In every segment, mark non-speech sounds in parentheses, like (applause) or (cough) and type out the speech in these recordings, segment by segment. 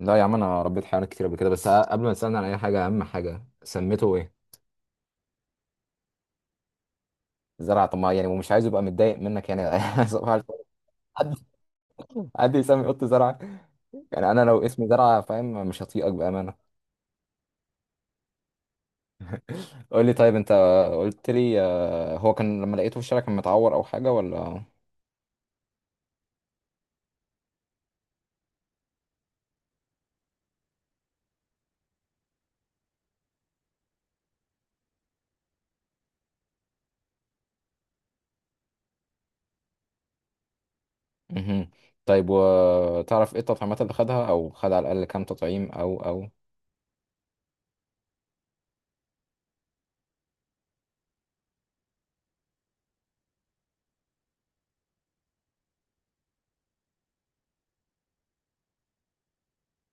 لا يا عم، انا ربيت حيوانات كتير قبل كده. بس قبل ما تسالني عن اي حاجه، اهم حاجه سميته ايه؟ زرعه؟ طب ما يعني ومش عايز يبقى متضايق منك يعني. (laughs) صباح الفل. حد، حد يسمي قط زرعه؟ يعني انا لو اسمي زرعه فاهم مش هطيقك بامانه. قول لي طيب انت قلت لي هو كان لما لقيته في الشارع كان متعور او حاجه ولا؟ مهم. طيب وتعرف ايه التطعيمات اللي خدها او خد على الاقل كام تطعيم او او؟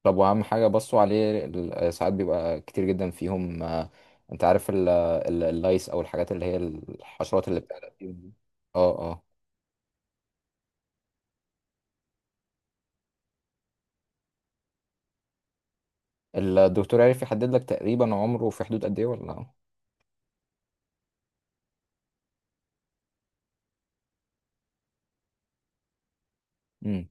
طب واهم حاجه، بصوا عليه ساعات بيبقى كتير جدا فيهم. انت عارف اللايس او الحاجات اللي هي الحشرات اللي بتعلق فيهم دي. اه اه. الدكتور عارف يحدد لك تقريبا عمره في حدود قد ايه ولا لا؟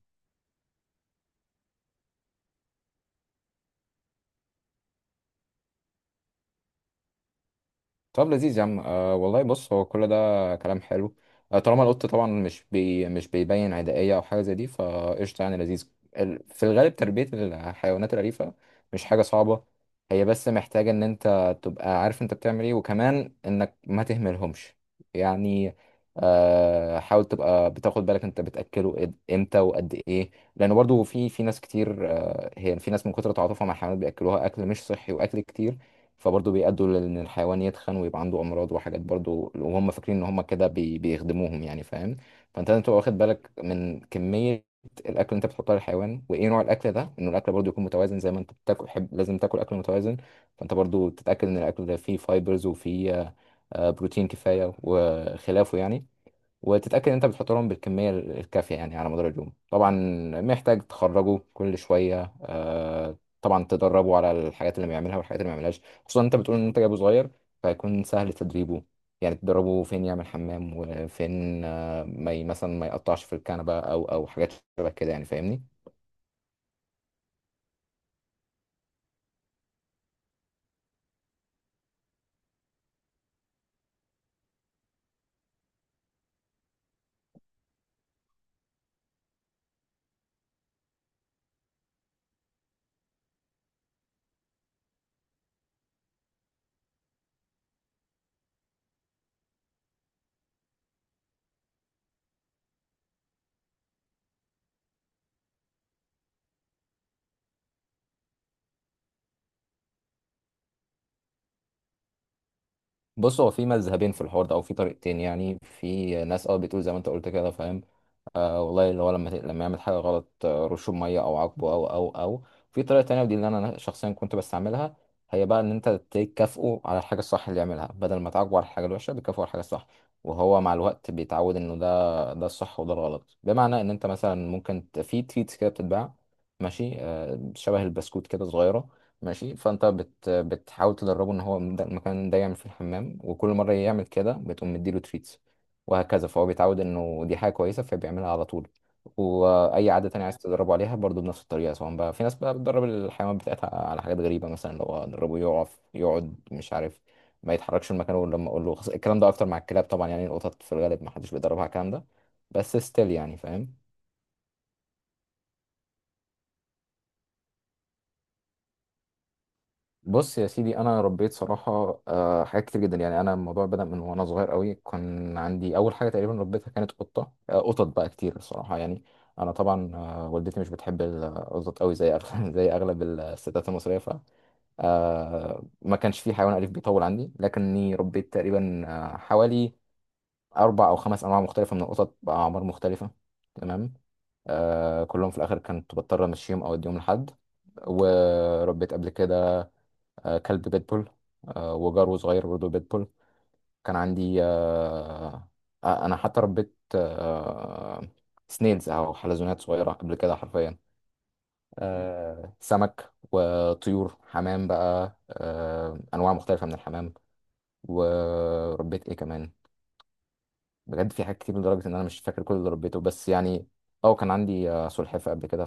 طب لذيذ يا عم. أه والله، بص هو كل ده كلام حلو. أه طالما القط طبعا مش بيبين عدائية أو حاجة زي دي، فقشطة يعني. لذيذ. في الغالب تربية الحيوانات الأليفة مش حاجة صعبة. هي بس محتاجة إن أنت تبقى عارف أنت بتعمل إيه، وكمان إنك ما تهملهمش يعني. أه حاول تبقى بتاخد بالك أنت بتأكله إمتى وقد إيه. لأنه برضو في ناس كتير، أه هي في ناس من كتر تعاطفها مع الحيوانات بيأكلوها أكل مش صحي وأكل كتير، فبرضه بيأدوا لأن الحيوان يتخن ويبقى عنده أمراض وحاجات برضه، وهم فاكرين إن هم كده بيخدموهم يعني فاهم. فأنت لازم تبقى واخد بالك من كمية الأكل اللي أنت بتحطها للحيوان وإيه نوع الأكل ده، إنه الأكل برضه يكون متوازن، زي ما أنت بتاكل لازم تاكل أكل متوازن. فأنت برضه تتأكد إن الأكل ده فيه فايبرز وفيه بروتين كفاية وخلافه يعني، وتتأكد إن أنت بتحط لهم بالكمية الكافية يعني على مدار اليوم. طبعا محتاج تخرجه كل شوية. طبعا تدربه على الحاجات اللي بيعملها والحاجات اللي ما بيعملهاش، خصوصا أنت بتقول إن أنت جايبه صغير، فهيكون سهل تدريبه. يعني تدربه فين يعمل حمام وفين ما ي- مثلا ما يقطعش في الكنبة أو أو حاجات شبه كده يعني، فاهمني؟ بص هو في مذهبين في الحوار ده او في طريقتين. يعني في ناس اه بتقول زي ما انت قلت كده فاهم، والله، اللي هو لما يعمل حاجه غلط رشه بميه او عاقبه او او او. في طريقه تانية ودي اللي انا شخصيا كنت بستعملها، هي بقى ان انت تكافئه على الحاجه الصح اللي يعملها. بدل ما تعاقبه على الحاجه الوحشه، بتكافئه على الحاجه الصح، وهو مع الوقت بيتعود انه ده الصح وده الغلط. بمعنى ان انت مثلا ممكن في تريتس كده بتتباع، ماشي؟ شبه البسكوت كده صغيره، ماشي؟ فانت بت بتحاول تدربه ان هو المكان ده يعمل في الحمام، وكل مره يعمل كده بتقوم مديله تريتس، وهكذا. فهو بيتعود انه دي حاجه كويسه فبيعملها على طول. واي عاده تانية عايز تدربه عليها برضه بنفس الطريقه. سواء بقى في ناس بقى بتدرب الحيوانات بتاعتها على حاجات غريبه، مثلا لو ادربه يقف يقعد مش عارف ما يتحركش من مكانه غير لما اقول له. الكلام ده اكتر مع الكلاب طبعا يعني، القطط في الغالب ما حدش بيدربها على الكلام ده، بس ستيل يعني فاهم. بص يا سيدي، انا ربيت صراحه حاجات كتير جدا. يعني انا الموضوع بدا من وانا صغير قوي، كان عندي اول حاجه تقريبا ربيتها كانت قطه. قطط بقى كتير الصراحه يعني. انا طبعا والدتي مش بتحب القطط قوي زي (laughs) زي اغلب الستات المصريه، ف ما كانش في حيوان اليف بيطول عندي. لكني ربيت تقريبا حوالي اربع او خمس انواع مختلفه من القطط باعمار مختلفه. تمام. كلهم في الاخر كنت بضطر امشيهم او اديهم لحد. وربيت قبل كده كلب بيتبول، وجرو صغير برضه بيتبول. كان عندي انا حتى ربيت سنيلز او حلزونات صغيره قبل كده حرفيا. سمك وطيور حمام بقى، انواع مختلفه من الحمام. وربيت ايه كمان؟ بجد في حاجات كتير لدرجه ان انا مش فاكر كل اللي ربيته. بس يعني اه كان عندي سلحفاه قبل كده.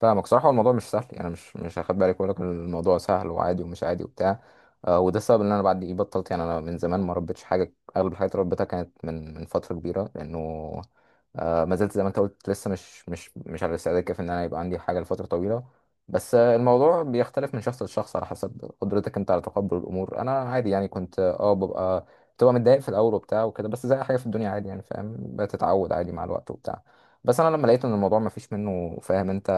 فاهمك. صراحة هو الموضوع مش سهل يعني، مش هاخد بالك واقول لك إن الموضوع سهل وعادي. ومش عادي وبتاع وده السبب ان انا بعد ايه بطلت. يعني انا من زمان ما ربيتش حاجة، اغلب الحاجات اللي ربيتها كانت من فترة كبيرة، لانه ما زلت زي ما انت قلت لسه مش على الاستعداد الكافي ان انا يبقى عندي حاجة لفترة طويلة. بس الموضوع بيختلف من شخص لشخص على حسب قدرتك انت على تقبل الامور. انا عادي يعني، كنت اه ببقى بتبقى متضايق في الاول وبتاع وكده، بس زي أي حاجة في الدنيا عادي يعني فاهم، بتتعود عادي مع الوقت وبتاع. بس انا لما لقيت ان الموضوع ما فيش منه فاهم انت،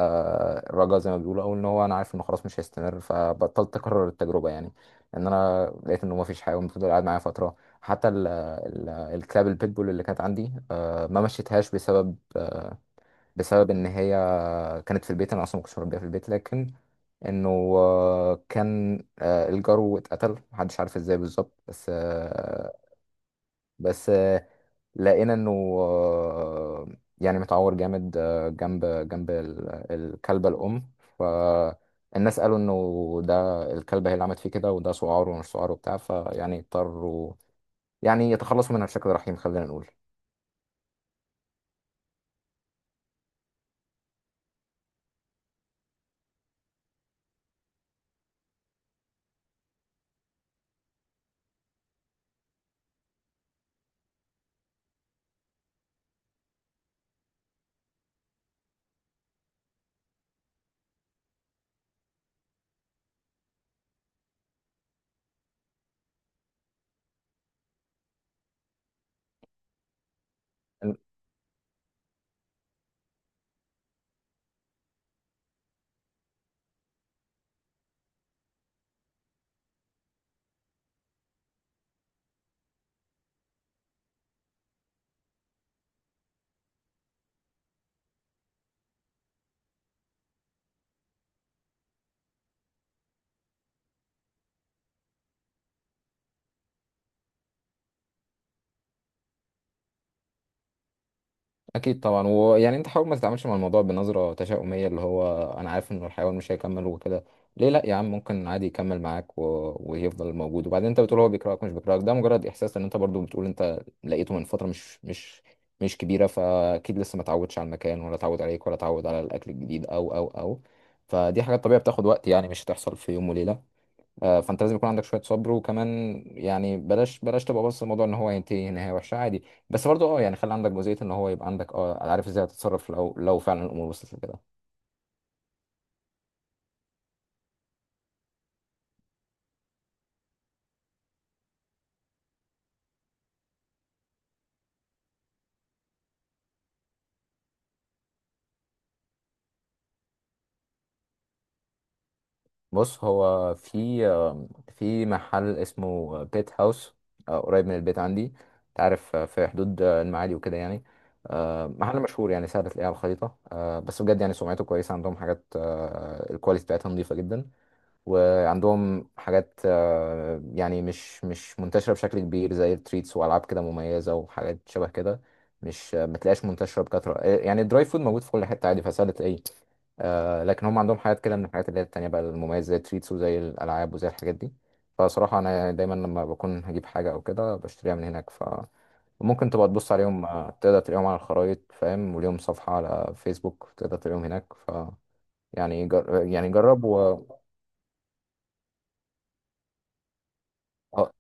الرجاء زي ما بيقولوا، او ان هو انا عارف انه خلاص مش هيستمر، فبطلت اكرر التجربه يعني. ان انا لقيت انه ما فيش حاجه وفضل قاعد معايا فتره. حتى ال ال الكلاب البيتبول اللي كانت عندي، ما مشيتهاش بسبب بسبب ان هي كانت في البيت، انا اصلا ما كنتش مربيها في البيت. لكن انه كان الجرو اتقتل محدش عارف ازاي بالظبط. بس آه، بس آه، لقينا انه آه، يعني متعور جامد جنب الكلبة الأم، فالناس قالوا انه ده الكلبة هي اللي عملت فيه كده، وده سعار ومش سعار وبتاع، فيعني اضطروا يعني يتخلصوا منها بشكل رحيم، خلينا نقول. اكيد طبعا. ويعني انت حاول ما تتعاملش مع الموضوع بنظره تشاؤميه، اللي هو انا عارف ان الحيوان مش هيكمل وكده. ليه لا يا عم، ممكن عادي يكمل معاك و... ويفضل موجود. وبعدين انت بتقول هو بيكرهك، مش بيكرهك، ده مجرد احساس. ان انت برضو بتقول انت لقيته من فتره مش كبيره، فاكيد لسه ما اتعودش على المكان ولا اتعود عليك ولا اتعود على الاكل الجديد او او او. فدي حاجات طبيعيه بتاخد وقت يعني، مش هتحصل في يوم وليله. فانت لازم يكون عندك شويه صبر، وكمان يعني بلاش تبقى بص الموضوع ان هو هينتهي نهايه وحشه عادي. بس برضه اه يعني خلي عندك جزئيه ان هو يبقى عندك اه عارف ازاي هتتصرف لو لو فعلا الامور وصلت لكده. بص هو في محل اسمه بيت هاوس، قريب من البيت عندي. انت عارف في حدود المعادي وكده يعني، محل مشهور يعني سهل تلاقيه على الخريطة. بس بجد يعني سمعته كويسة، عندهم حاجات الكواليتي بتاعتها نظيفة جدا، وعندهم حاجات يعني مش منتشرة بشكل كبير زي التريتس وألعاب كده مميزة وحاجات شبه كده. مش ما تلاقيهاش منتشرة بكثرة. يعني الدراي فود موجود في كل حتة عادي فسهل تلاقيه. لكن هم عندهم حاجات كده من الحاجات اللي هي التانية بقى المميزة، زي التريتس وزي الألعاب وزي الحاجات دي. فصراحة أنا يعني دايما لما بكون هجيب حاجة أو كده بشتريها من هناك. فممكن تبقى تبص عليهم تقدر تلاقيهم على الخرايط فاهم، وليهم صفحة على فيسبوك تقدر تلاقيهم هناك، ف يعني جرب و آه،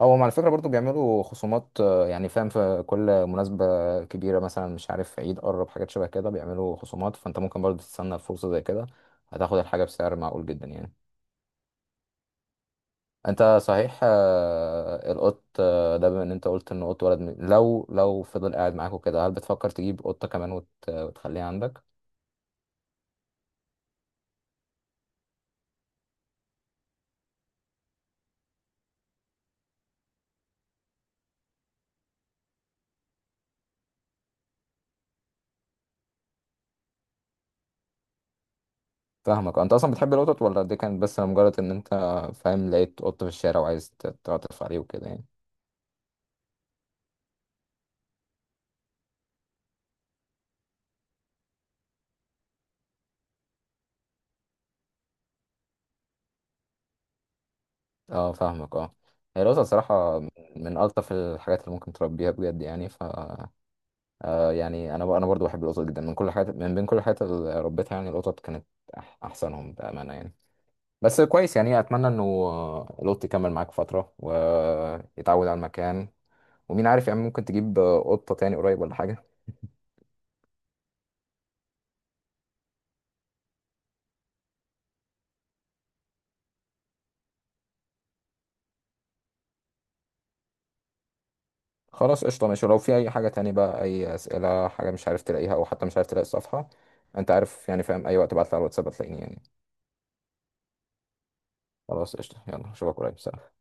هم على فكرة برضو بيعملوا خصومات يعني فاهم، في كل مناسبة كبيرة مثلا مش عارف عيد قرب حاجات شبه كده بيعملوا خصومات، فأنت ممكن برضو تستنى فرصة زي كده، هتاخد الحاجة بسعر معقول جدا يعني. انت صحيح القط ده، بما ان انت قلت ان قط ولد لو لو فضل قاعد معاك وكده، هل بتفكر تجيب قطة كمان وتخليها عندك؟ فاهمك. انت اصلا بتحب القطط ولا دي كانت بس مجرد ان انت فاهم لقيت قط في الشارع وعايز تعطف عليه وكده يعني؟ اه فاهمك اه. هي القطط صراحة من الطف الحاجات اللي ممكن تربيها بجد يعني، ف يعني انا انا برضو بحب القطط جدا من كل حاجات، من بين كل الحاجات اللي ربيتها يعني القطط كانت احسنهم بأمانة يعني. بس كويس يعني، اتمنى انه لوت يكمل معاك فتره ويتعود على المكان، ومين عارف يعني، ممكن تجيب قطه تاني قريب ولا حاجه. خلاص قشطه ماشي. ولو في اي حاجه تاني بقى، اي اسئله حاجه مش عارف تلاقيها او حتى مش عارف تلاقي الصفحه، انت عارف يعني فاهم اي وقت ابعت لي على الواتساب هتلاقيني يعني. خلاص قشطه، يلا اشوفك قريب، سلام.